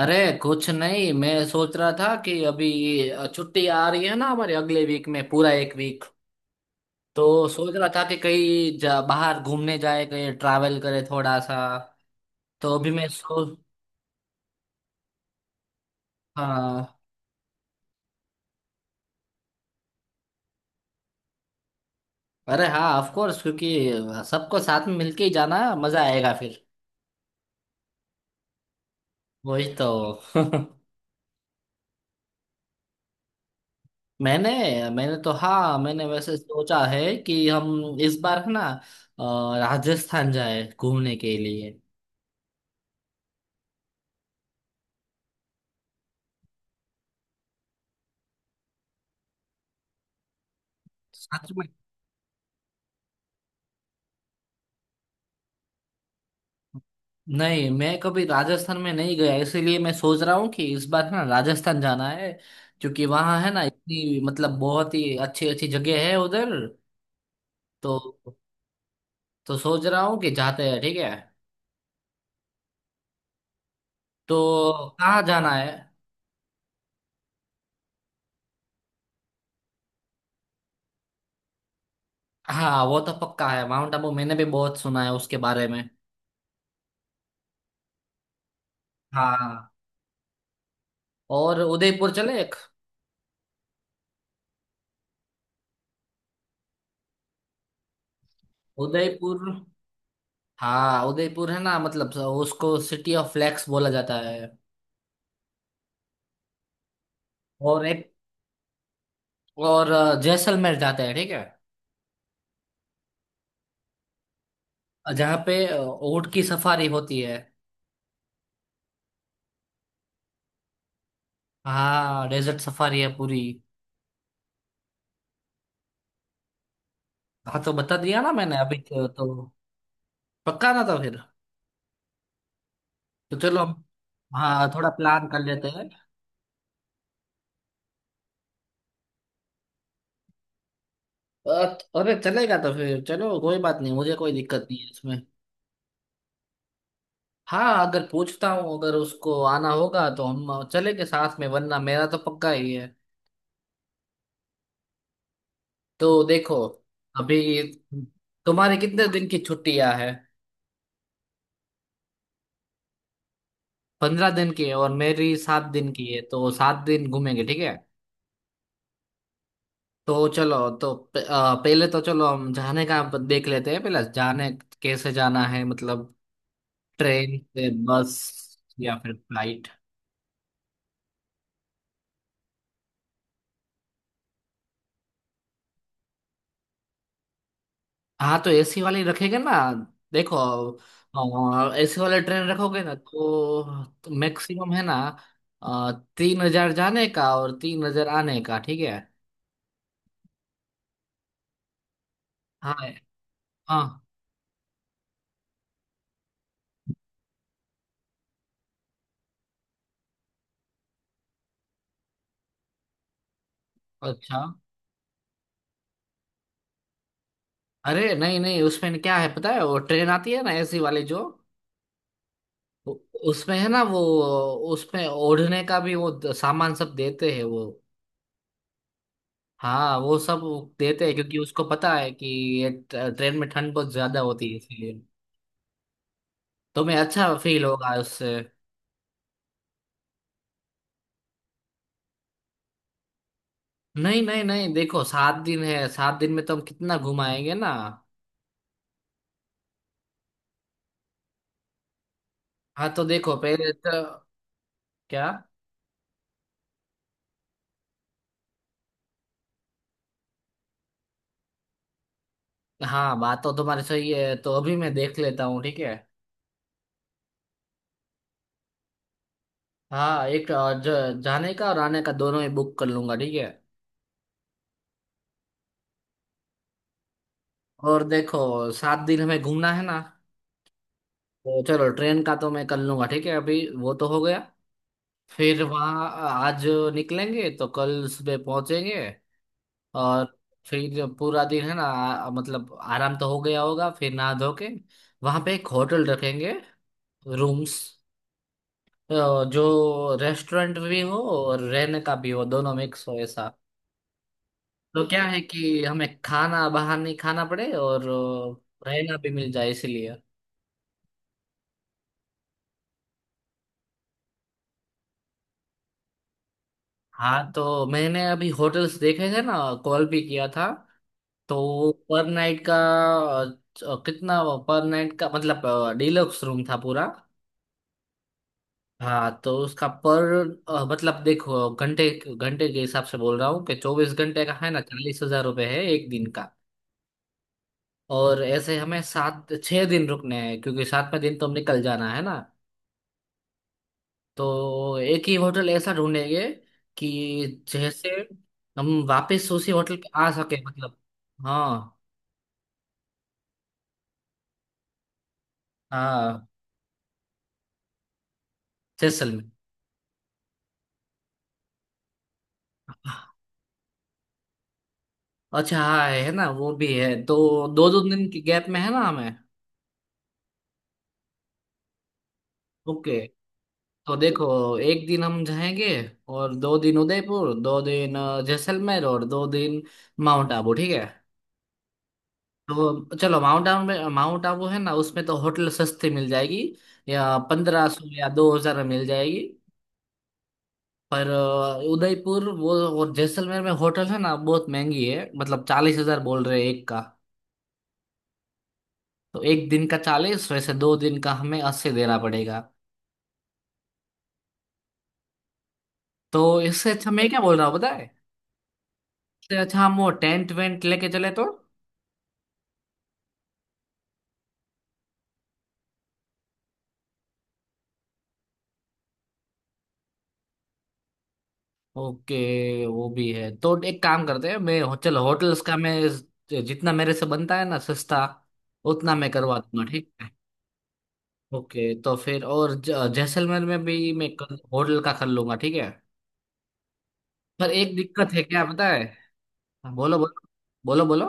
अरे, कुछ नहीं। मैं सोच रहा था कि अभी छुट्टी आ रही है ना, हमारे अगले वीक में पूरा एक वीक। तो सोच रहा था कि बाहर घूमने जाए, कहीं ट्रैवल करे थोड़ा सा। तो अभी मैं सो हाँ, अरे हाँ, ऑफ कोर्स। क्योंकि सबको साथ में मिलके ही जाना है, मजा आएगा फिर। वही तो। मैंने मैंने तो, हाँ, मैंने वैसे सोचा है कि हम इस बार है ना, राजस्थान जाए घूमने के लिए। सच में। नहीं, मैं कभी राजस्थान में नहीं गया, इसीलिए मैं सोच रहा हूँ कि इस बार है ना राजस्थान जाना है। क्योंकि वहाँ है ना, इतनी मतलब बहुत ही अच्छी अच्छी जगह है उधर। तो सोच रहा हूँ कि जाते हैं, ठीक है। तो कहाँ जाना है? हाँ, वो तो पक्का है, माउंट आबू मैंने भी बहुत सुना है उसके बारे में। हाँ, और उदयपुर चले एक। उदयपुर। हाँ, उदयपुर है ना, मतलब उसको सिटी ऑफ फ्लैक्स बोला जाता है। और एक, और जैसलमेर जाते हैं, ठीक है, जहाँ पे ऊँट की सफारी होती है। हाँ, डेजर्ट सफारी है पूरी। हाँ, तो बता दिया ना मैंने अभी। तो पक्का ना, तो फिर तो चलो हम। हाँ, थोड़ा प्लान कर लेते हैं। अरे चलेगा, तो फिर चलो, कोई बात नहीं, मुझे कोई दिक्कत नहीं है इसमें। हाँ, अगर पूछता हूँ, अगर उसको आना होगा तो हम चलेंगे साथ में, वरना मेरा तो पक्का ही है। तो देखो अभी, तुम्हारी कितने दिन की छुट्टियां है? 15 दिन की है, और मेरी 7 दिन की है, तो 7 दिन घूमेंगे, ठीक है। तो चलो, तो पहले तो चलो हम जाने का देख लेते हैं, पहले जाने कैसे जाना है, मतलब ट्रेन से, बस, या फिर फ्लाइट। हाँ, तो एसी वाली रखेंगे ना। देखो, एसी वाले ट्रेन रखोगे ना, तो मैक्सिमम है ना 3,000 जाने का और 3,000 आने का, ठीक है। हाँ हाँ, अच्छा। अरे नहीं नहीं, उसमें क्या है पता है, वो ट्रेन आती है ना, एसी वाली जो, उ- उसमें है ना वो, उसमें ओढ़ने का भी वो सामान सब देते हैं वो। हाँ, वो सब देते हैं, क्योंकि उसको पता है कि ये ट्रेन में ठंड बहुत ज्यादा होती है, इसलिए तो मैं, अच्छा फील होगा उससे। नहीं नहीं नहीं, देखो, 7 दिन है, 7 दिन में तो हम कितना घुमाएंगे ना। हाँ, तो देखो पहले तो, क्या, हाँ, बात तो तुम्हारी सही है, तो अभी मैं देख लेता हूँ, ठीक है। हाँ, एक जाने का और आने का दोनों ही बुक कर लूंगा, ठीक है। और देखो, 7 दिन हमें घूमना है ना, तो चलो, ट्रेन का तो मैं कर लूंगा, ठीक है, अभी वो तो हो गया। फिर वहाँ आज निकलेंगे तो कल सुबह पहुंचेंगे, और फिर पूरा दिन है ना, मतलब आराम तो हो गया होगा, फिर नहा धो के वहाँ पे एक होटल रखेंगे, रूम्स जो रेस्टोरेंट भी हो और रहने का भी हो, दोनों मिक्स हो ऐसा। तो क्या है कि हमें खाना बाहर नहीं खाना पड़े, और रहना भी मिल जाए इसलिए। हाँ, तो मैंने अभी होटल्स देखे थे ना, कॉल भी किया था, तो पर नाइट का कितना, पर नाइट का मतलब, डिलक्स रूम था पूरा। हाँ, तो उसका पर, मतलब देखो, घंटे घंटे के हिसाब से बोल रहा हूँ कि 24 घंटे का है ना, 40,000 रुपये है एक दिन का। और ऐसे हमें सात छह दिन रुकने हैं, क्योंकि सातवें दिन तो हम निकल जाना है ना। तो एक ही होटल ऐसा ढूंढेंगे कि जैसे हम वापस उसी होटल पे आ सके, मतलब। हाँ हाँ, जैसलमेर। अच्छा हाँ, है ना, वो भी है तो 2-2 दिन की गैप में है ना हमें। ओके, तो देखो, एक दिन हम जाएंगे, और 2 दिन उदयपुर, 2 दिन जैसलमेर, और 2 दिन माउंट आबू, ठीक है। तो चलो, माउंट आबू में, माउंट आबू है ना, उसमें तो होटल सस्ती मिल जाएगी, या 1,500 या 2,000 में मिल जाएगी। पर उदयपुर वो और जैसलमेर में होटल है ना बहुत महंगी है, मतलब 40,000 बोल रहे हैं एक का। तो एक दिन का 40, वैसे दो दिन का हमें 80 देना पड़ेगा। तो इससे अच्छा, मैं क्या बोल रहा हूँ पता है, इससे अच्छा हम वो टेंट वेंट लेके चले तो। ओके, वो भी है, तो एक काम करते हैं, मैं चलो, होटल्स का मैं जितना मेरे से बनता है ना सस्ता, उतना मैं करवा दूंगा, ठीक है। ओके, तो फिर और जैसलमेर में भी मैं होटल का कर लूंगा, ठीक है। पर एक दिक्कत है, क्या पता है। हाँ, बोलो बोलो। बोलो बोलो।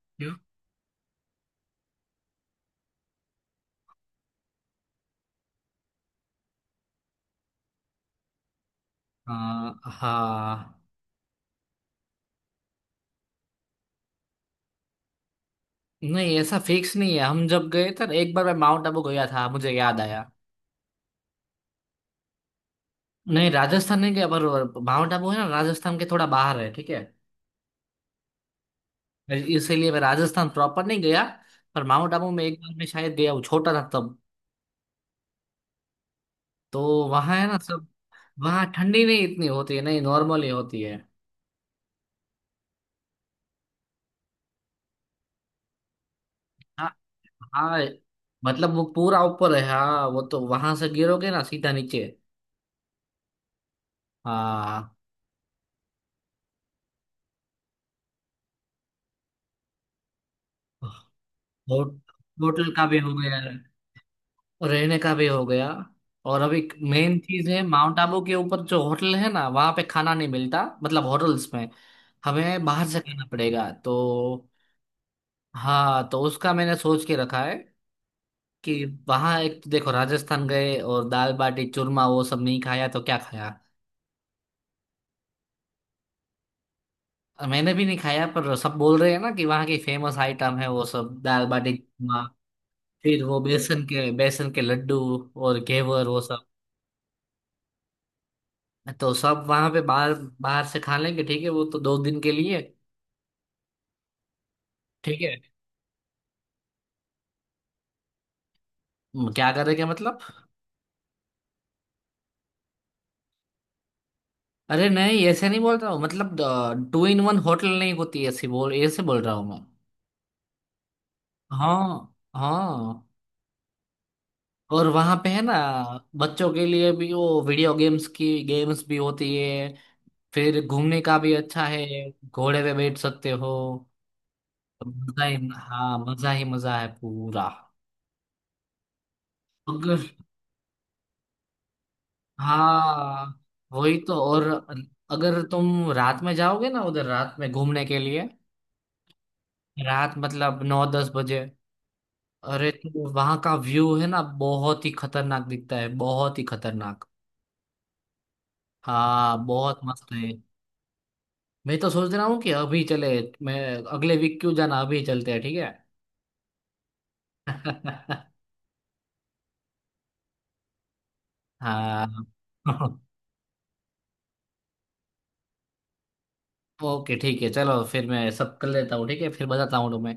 क्यों? हाँ हाँ। नहीं, ऐसा फिक्स नहीं है, हम जब गए थे ना एक बार, मैं माउंट आबू गया था, मुझे याद आया। नहीं, राजस्थान नहीं गया, पर माउंट आबू है ना, राजस्थान के थोड़ा बाहर है, ठीक है। इसीलिए मैं राजस्थान प्रॉपर नहीं गया, पर माउंट आबू में एक बार मैं शायद गया हूँ, छोटा था तब। तो वहाँ है ना सब, वहाँ ठंडी नहीं इतनी होती है, नहीं, नॉर्मली होती है। हाँ हाँ। मतलब वो पूरा ऊपर है, हाँ, वो तो वहां से गिरोगे ना सीधा नीचे। हाँ। हो- होटल का भी हो गया, रहने का भी हो गया। और अभी मेन चीज है, माउंट आबू के ऊपर जो होटल है ना, वहां पे खाना नहीं मिलता, मतलब होटल्स में, हमें बाहर से खाना पड़ेगा तो। हाँ, तो उसका मैंने सोच के रखा है कि वहाँ एक तो देखो, राजस्थान गए और दाल बाटी चूरमा वो सब नहीं खाया तो क्या खाया। मैंने भी नहीं खाया, पर सब बोल रहे हैं ना कि वहाँ की फेमस आइटम है वो सब, दाल बाटी चूरमा, फिर वो बेसन के लड्डू, और घेवर वो सब। तो सब वहां पे, बाहर बाहर से खा लेंगे, ठीक है, वो तो 2 दिन के लिए। ठीक है। क्या करेंगे मतलब। अरे नहीं, ऐसे नहीं बोल रहा हूँ, मतलब टू इन वन होटल नहीं होती ऐसी, बोल ऐसे बोल रहा हूँ मैं। हाँ हाँ। और वहां पे है ना बच्चों के लिए भी वो वीडियो गेम्स की गेम्स भी होती है, फिर घूमने का भी अच्छा है, घोड़े पे बैठ सकते हो। मजा ही, हाँ, मजा ही मजा है पूरा। हाँ, वही तो। और अगर तुम रात में जाओगे ना उधर, रात में घूमने के लिए, रात मतलब 9-10 बजे, अरे तो वहां का व्यू है ना बहुत ही खतरनाक दिखता है, बहुत ही खतरनाक। हाँ, बहुत मस्त है। मैं तो सोच रहा हूँ कि अभी चले, मैं, अगले वीक क्यों जाना, अभी चलते हैं, ठीक है। हाँ। ओके, ठीक है, चलो फिर मैं सब कर लेता हूँ, ठीक है, फिर बताता हूँ तुम्हें।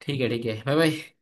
ठीक है ठीक है, बाय बाय।